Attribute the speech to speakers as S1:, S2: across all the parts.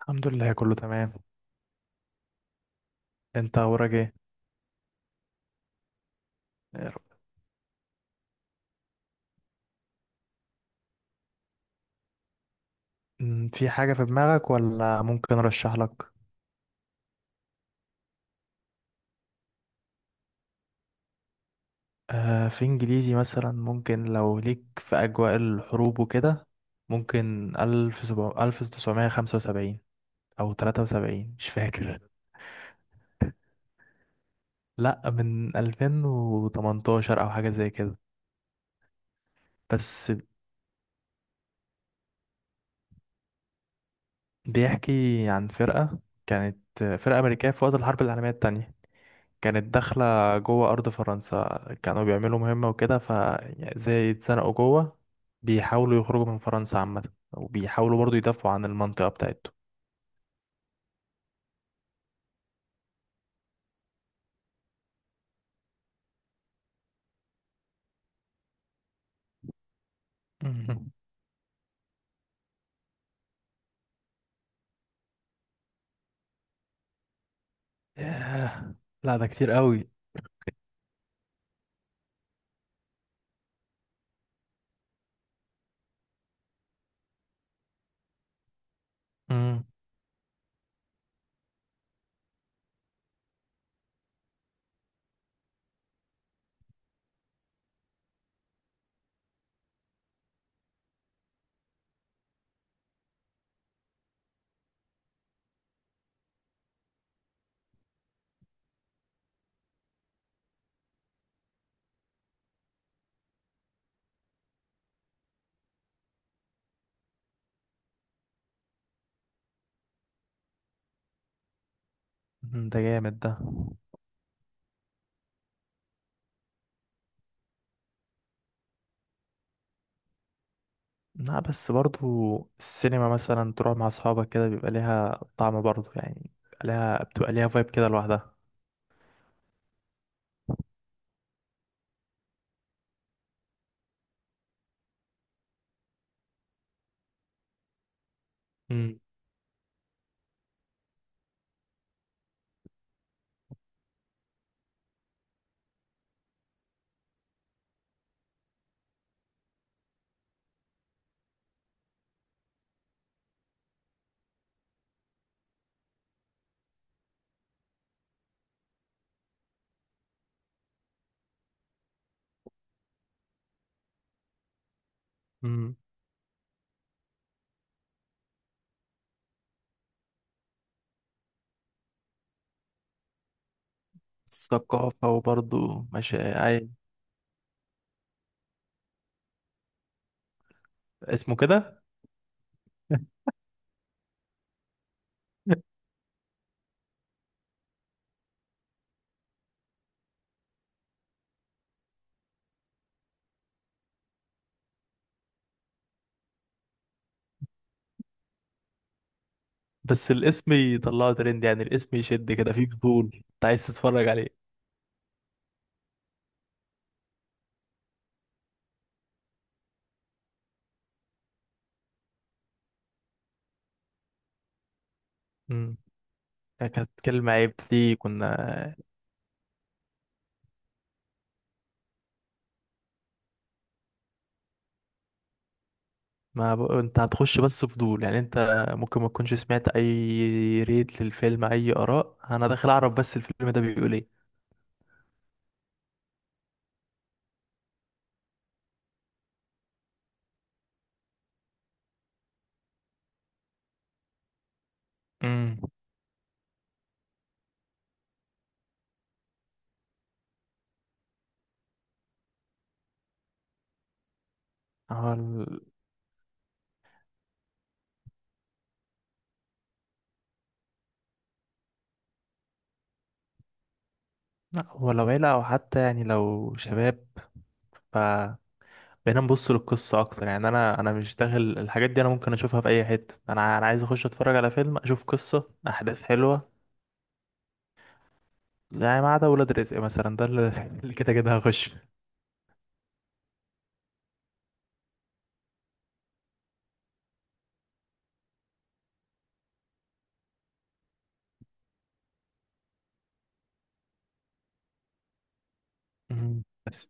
S1: الحمد لله، كله تمام. انت اخبارك ايه؟ في حاجة في دماغك ولا ممكن ارشح لك؟ آه، في انجليزي مثلا، ممكن لو ليك في اجواء الحروب وكده. ممكن 1975، او 73، مش فاكر. لا، من 2018 او حاجة زي كده. بس. بيحكي عن فرقة كانت فرقة أمريكية في وقت الحرب العالمية التانية. كانت داخلة جوه أرض فرنسا. كانوا بيعملوا مهمة وكده، ف يعني زي اتزنقوا جوه. بيحاولوا يخرجوا من فرنسا عامة. وبيحاولوا برضو يدافعوا عن المنطقة بتاعتهم. مم. ياه. لا، ده كتير قوي. مم. ده جامد ده. لا بس برضو السينما مثلا تروح مع أصحابك كده، بيبقى ليها طعم برضو، يعني بيبقى ليها بتبقى ليها فايب كده لوحدها. مم. مم. الثقافة وبرضو مش أي. اسمه كده. بس الاسم يطلعه ترند، يعني الاسم يشد كده، فيه فضول انت عايز تتفرج عليه. امم كانت كلمة عيب دي كنا. ما ب... انت هتخش بس فضول، يعني انت ممكن ما تكونش سمعت اي ريت للفيلم اي اراء، انا داخل اعرف بس الفيلم ده بيقول ايه. امم هو ال- لا هو لو عيلة او حتى يعني لو شباب. ف بقينا نبص للقصة أكتر، يعني أنا مش داخل الحاجات دي، أنا ممكن أشوفها في أي حتة، أنا عايز أخش أتفرج على فيلم، أشوف قصة أحداث حلوة. يعني ما عدا ولاد رزق مثلا، ده اللي اللي كده كده هخش. مم. بس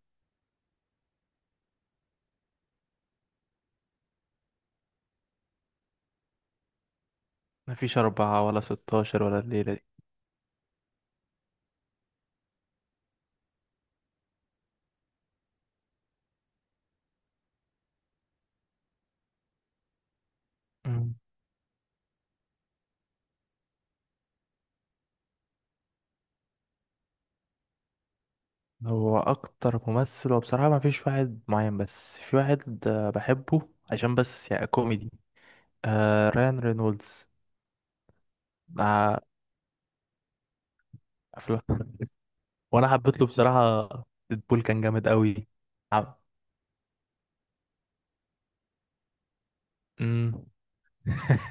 S1: مفيش أربعة ولا 16 ولا الليلة دي. مم. هو أكتر ممثل وبصراحة مفيش واحد معين، بس في واحد بحبه عشان بس يعني كوميدي. آه، ريان رينولدز. آه، أفلام. وأنا حبيت له بصراحة. ديدبول كان جامد قوي. عب- مم.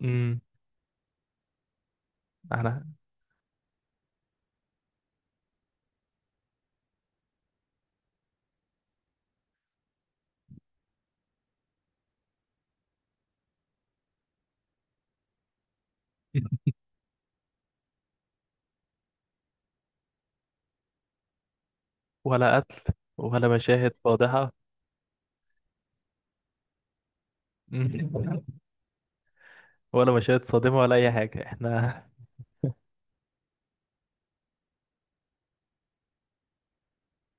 S1: مم. أنا. ولا قتل ولا مشاهد فاضحة. مم. ولا مشاهد صادمة ولا أي حاجة احنا.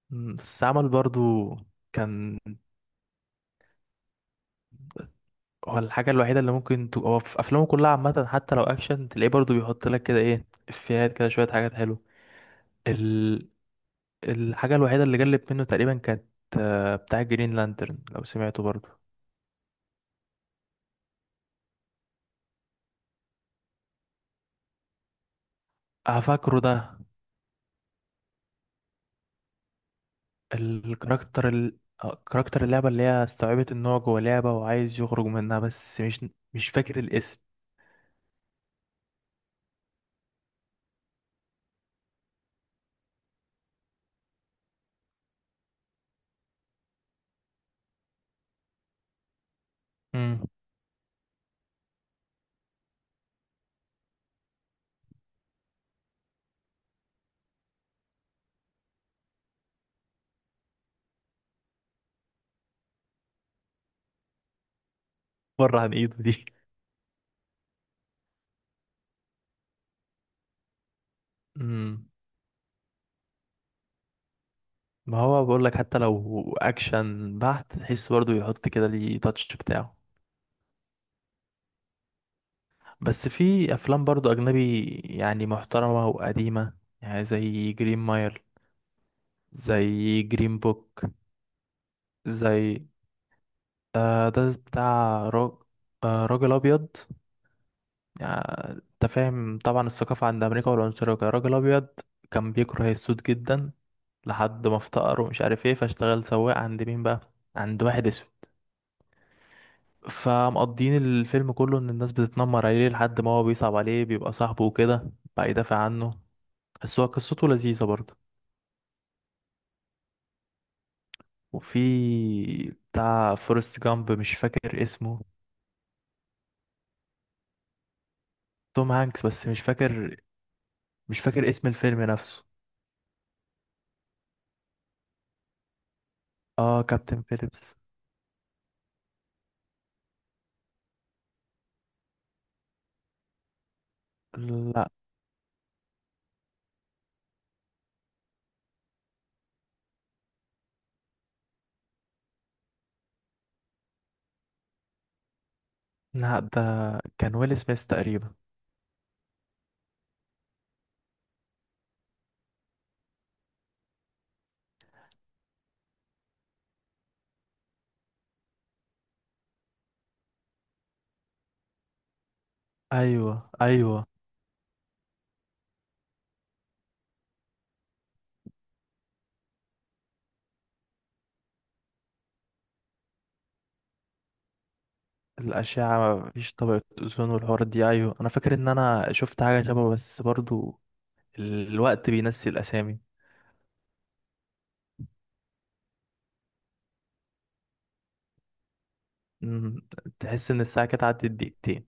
S1: بس عمل برضو كان هو الحاجة الوحيدة اللي ممكن تبقى، هو في أفلامه كلها عامة حتى لو أكشن، تلاقيه برضو بيحط لك كده إيه إفيهات كده، شوية حاجات حلوة. ال... الحاجة الوحيدة اللي جلت منه تقريبا، كانت بتاع جرين لانترن لو سمعته برضو. آه، فاكره ده. الكاركتر ال... آه، كاركتر اللعبة اللي هي استوعبت إن هو جوه لعبة وعايز يخرج منها، بس مش. مش فاكر الاسم. مم. بره عن إيده دي. مم. ما هو بقول لك حتى لو اكشن بحت، تحس برضه يحط كده ليه تاتش بتاعه. بس في افلام برضه اجنبي يعني محترمة وقديمة، يعني زي جرين ماير، زي جرين بوك، زي آه ده بتاع راج... آه راجل ابيض. يعني انت فاهم طبعا الثقافة عند امريكا والعنصرية وكده. راجل ابيض كان بيكره السود جدا، لحد ما افتقر ومش عارف ايه، فاشتغل سواق عند مين بقى، عند واحد اسود. فمقضيين الفيلم كله ان الناس بتتنمر عليه لحد ما هو بيصعب عليه، بيبقى صاحبه وكده، بقى يدافع عنه. بس هو قصته لذيذة برضه. وفي بتاع فورست جامب، مش فاكر اسمه. توم هانكس، بس مش فاكر. مش فاكر اسم الفيلم نفسه. اه، كابتن فيليبس. لا، لا، ده كان ويل سميث تقريبا. ايوه، ايوه. الأشعة، مفيش طبقة أوزون والحوارات دي، أيوة أنا فاكر إن أنا شفت حاجة شبه بس برضو. الوقت بينسي الأسامي. مم، تحس ان الساعة كانت عدت دقيقتين.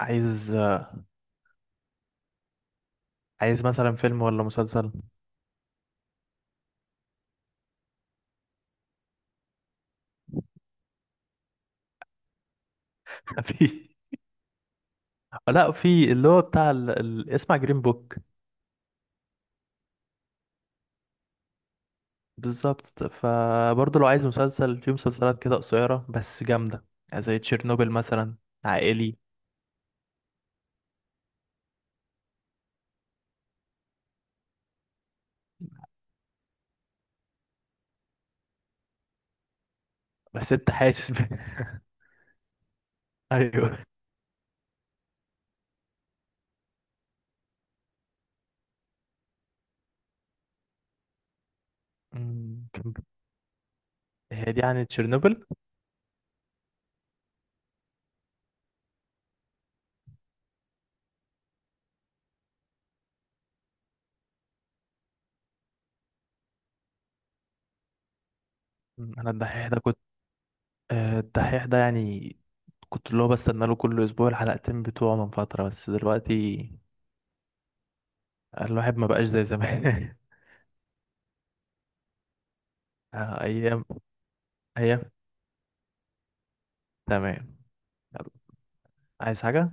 S1: عايز آه، عايز مثلا فيلم ولا مسلسل؟ في. لا، في اللي هو بتاع اسمع جرين بوك. بالظبط، فبرضه لو عايز مسلسل في مسلسلات كده قصيرة بس جامدة، يعني زي تشيرنوبل مثلا. عائلي. بس انت حاسس ايوه. مم، كان- هي دي يعني تشيرنوبل. انا الدحيح ده كنت. الدحيح ده يعني، كنت اللي هو بستنى له كل اسبوع الحلقتين بتوعه من فترة، بس دلوقتي الواحد ما بقاش زي زمان. آه، ايام. ايام. تمام. يلا. عايز حاجة؟